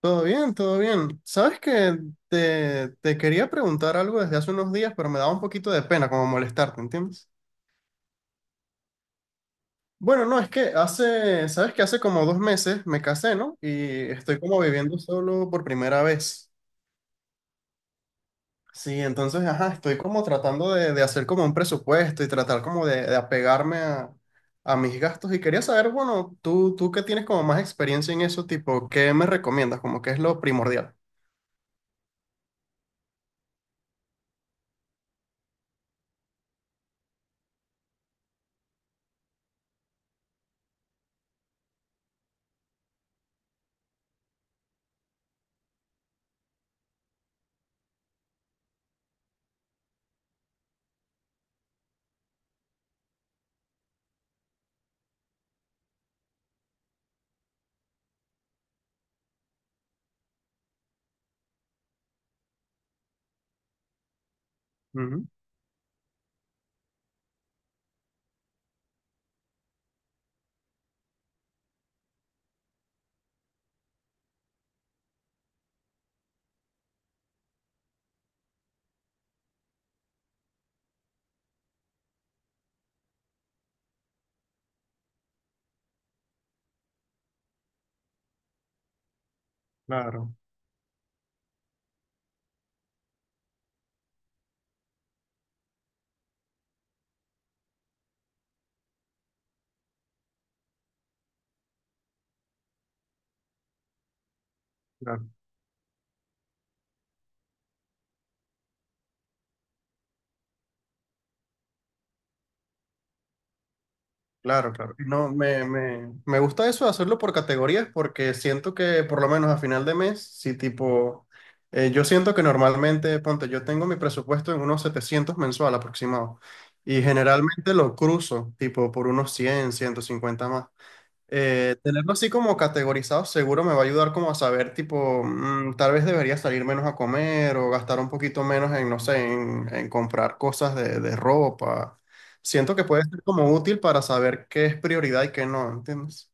Todo bien, todo bien. Sabes que te quería preguntar algo desde hace unos días, pero me daba un poquito de pena como molestarte, ¿entiendes? Bueno, no, es que sabes que hace como 2 meses me casé, ¿no? Y estoy como viviendo solo por primera vez. Sí, entonces, ajá, estoy como tratando de hacer como un presupuesto y tratar como de apegarme a mis gastos. Y quería saber, bueno, tú que tienes como más experiencia en eso, tipo, ¿qué me recomiendas? Como que es lo primordial. Ujú. Claro, claro. Claro, claro. No, me gusta eso de hacerlo por categorías porque siento que por lo menos a final de mes, si tipo, yo siento que normalmente, ponte, yo tengo mi presupuesto en unos 700 mensual aproximado y generalmente lo cruzo tipo por unos 100, 150 más. Tenerlo así como categorizado seguro me va a ayudar como a saber, tipo, tal vez debería salir menos a comer o gastar un poquito menos en, no sé, en comprar cosas de ropa. Siento que puede ser como útil para saber qué es prioridad y qué no, ¿entiendes?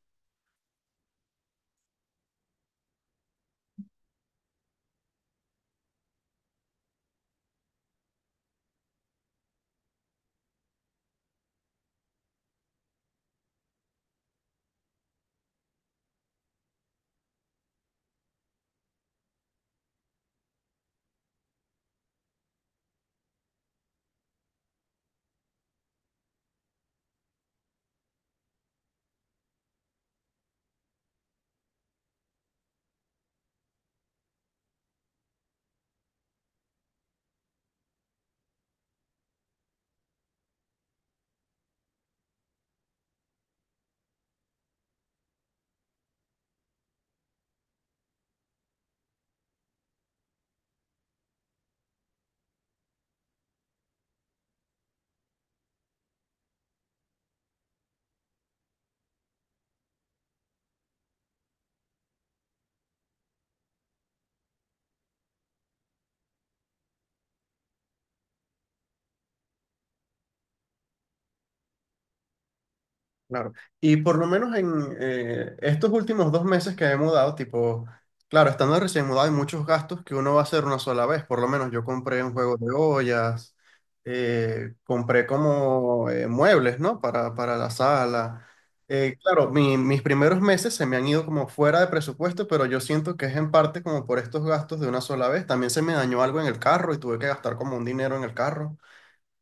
Claro. Y por lo menos en estos últimos 2 meses que he mudado, tipo, claro, estando recién mudado hay muchos gastos que uno va a hacer una sola vez. Por lo menos yo compré un juego de ollas, compré como muebles, ¿no? Para la sala. Claro, mis primeros meses se me han ido como fuera de presupuesto, pero yo siento que es en parte como por estos gastos de una sola vez. También se me dañó algo en el carro y tuve que gastar como un dinero en el carro,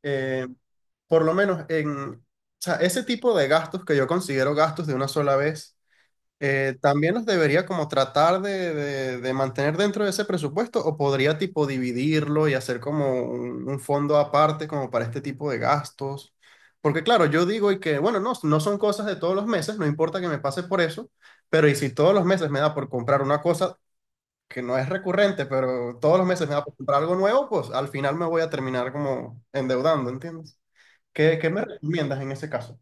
eh, por lo menos en, o sea, ese tipo de gastos que yo considero gastos de una sola vez, también los debería como tratar de mantener dentro de ese presupuesto o podría tipo dividirlo y hacer como un fondo aparte como para este tipo de gastos. Porque claro, yo digo y que, bueno, no, no son cosas de todos los meses, no importa que me pase por eso, pero y si todos los meses me da por comprar una cosa que no es recurrente, pero todos los meses me da por comprar algo nuevo, pues al final me voy a terminar como endeudando, ¿entiendes? ¿Qué me recomiendas en ese caso?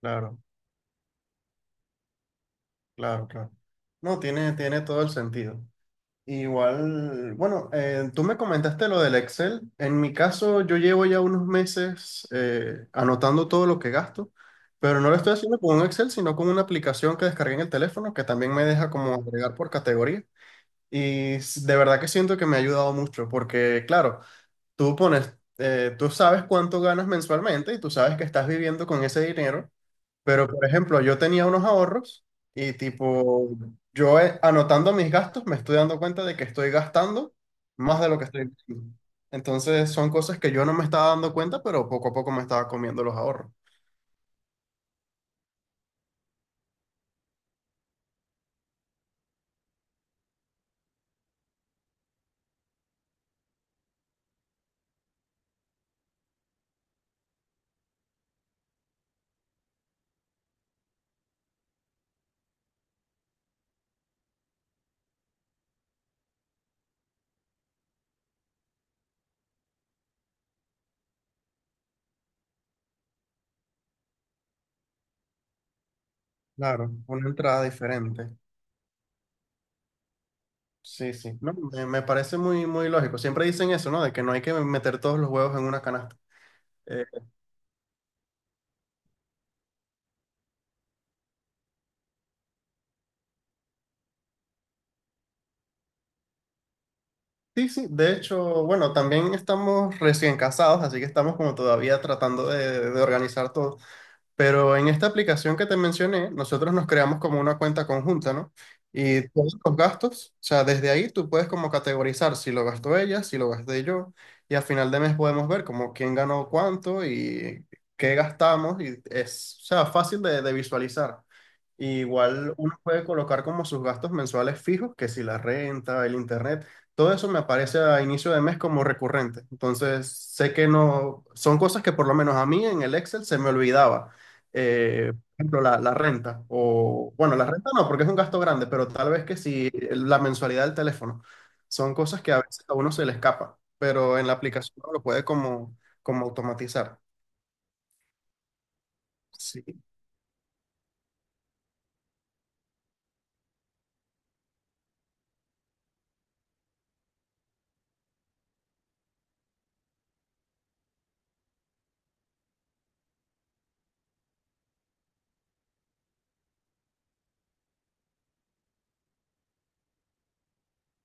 Claro, claro, claro. No, tiene todo el sentido. Igual, bueno, tú me comentaste lo del Excel. En mi caso, yo llevo ya unos meses anotando todo lo que gasto, pero no lo estoy haciendo con un Excel, sino con una aplicación que descargué en el teléfono que también me deja como agregar por categoría. Y de verdad que siento que me ha ayudado mucho, porque claro, tú pones, tú sabes cuánto ganas mensualmente y tú sabes que estás viviendo con ese dinero. Pero, por ejemplo, yo tenía unos ahorros y tipo, yo anotando mis gastos me estoy dando cuenta de que estoy gastando más de lo que estoy invirtiendo. Entonces son cosas que yo no me estaba dando cuenta, pero poco a poco me estaba comiendo los ahorros. Claro, una entrada diferente. Sí, sí. No, me parece muy, muy lógico. Siempre dicen eso, ¿no? De que no hay que meter todos los huevos en una canasta. Eh, sí, sí. De hecho, bueno, también estamos recién casados, así que estamos como todavía tratando de organizar todo. Pero en esta aplicación que te mencioné, nosotros nos creamos como una cuenta conjunta, ¿no? Y todos los gastos, o sea, desde ahí tú puedes como categorizar si lo gastó ella, si lo gasté yo, y al final de mes podemos ver como quién ganó cuánto y qué gastamos, y es, o sea, fácil de visualizar. Y igual uno puede colocar como sus gastos mensuales fijos, que si la renta, el internet, todo eso me aparece a inicio de mes como recurrente. Entonces, sé que no, son cosas que por lo menos a mí en el Excel se me olvidaba, por ejemplo, la renta, o bueno, la renta no, porque es un gasto grande, pero tal vez que si la mensualidad del teléfono, son cosas que a veces a uno se le escapa, pero en la aplicación uno lo puede como automatizar. Sí.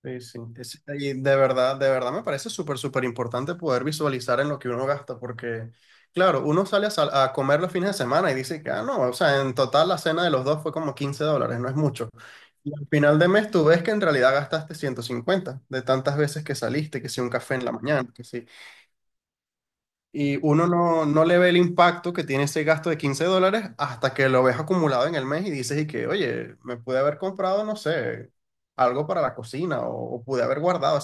Sí, sí. Y de verdad me parece súper, súper importante poder visualizar en lo que uno gasta, porque, claro, uno sale a comer los fines de semana y dice que, ah, no, o sea, en total la cena de los dos fue como $15, no es mucho. Y al final de mes tú ves que en realidad gastaste 150 de tantas veces que saliste, que si un café en la mañana, que sí. Y uno no le ve el impacto que tiene ese gasto de $15 hasta que lo ves acumulado en el mes y dices y que, oye, me pude haber comprado, no sé, algo para la cocina o pude haber guardado.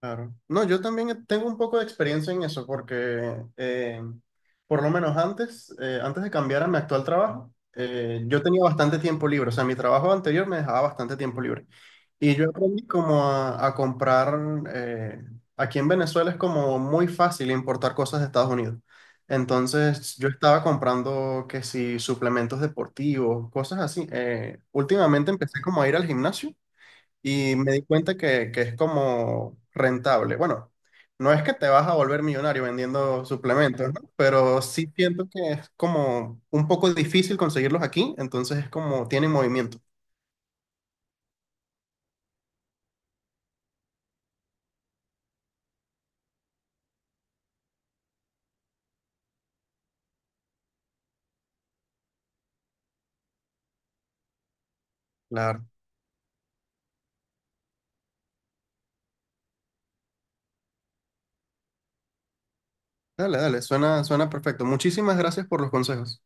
Claro. No, yo también tengo un poco de experiencia en eso, porque por lo menos antes, antes de cambiar a mi actual trabajo, yo tenía bastante tiempo libre. O sea, mi trabajo anterior me dejaba bastante tiempo libre. Y yo aprendí como a, comprar, eh, aquí en Venezuela es como muy fácil importar cosas de Estados Unidos. Entonces yo estaba comprando que si suplementos deportivos, cosas así. Últimamente empecé como a ir al gimnasio y me di cuenta que es como rentable. Bueno, no es que te vas a volver millonario vendiendo suplementos, ¿no? Pero sí siento que es como un poco difícil conseguirlos aquí, entonces es como tiene movimiento. Claro. Dale, dale, suena perfecto. Muchísimas gracias por los consejos.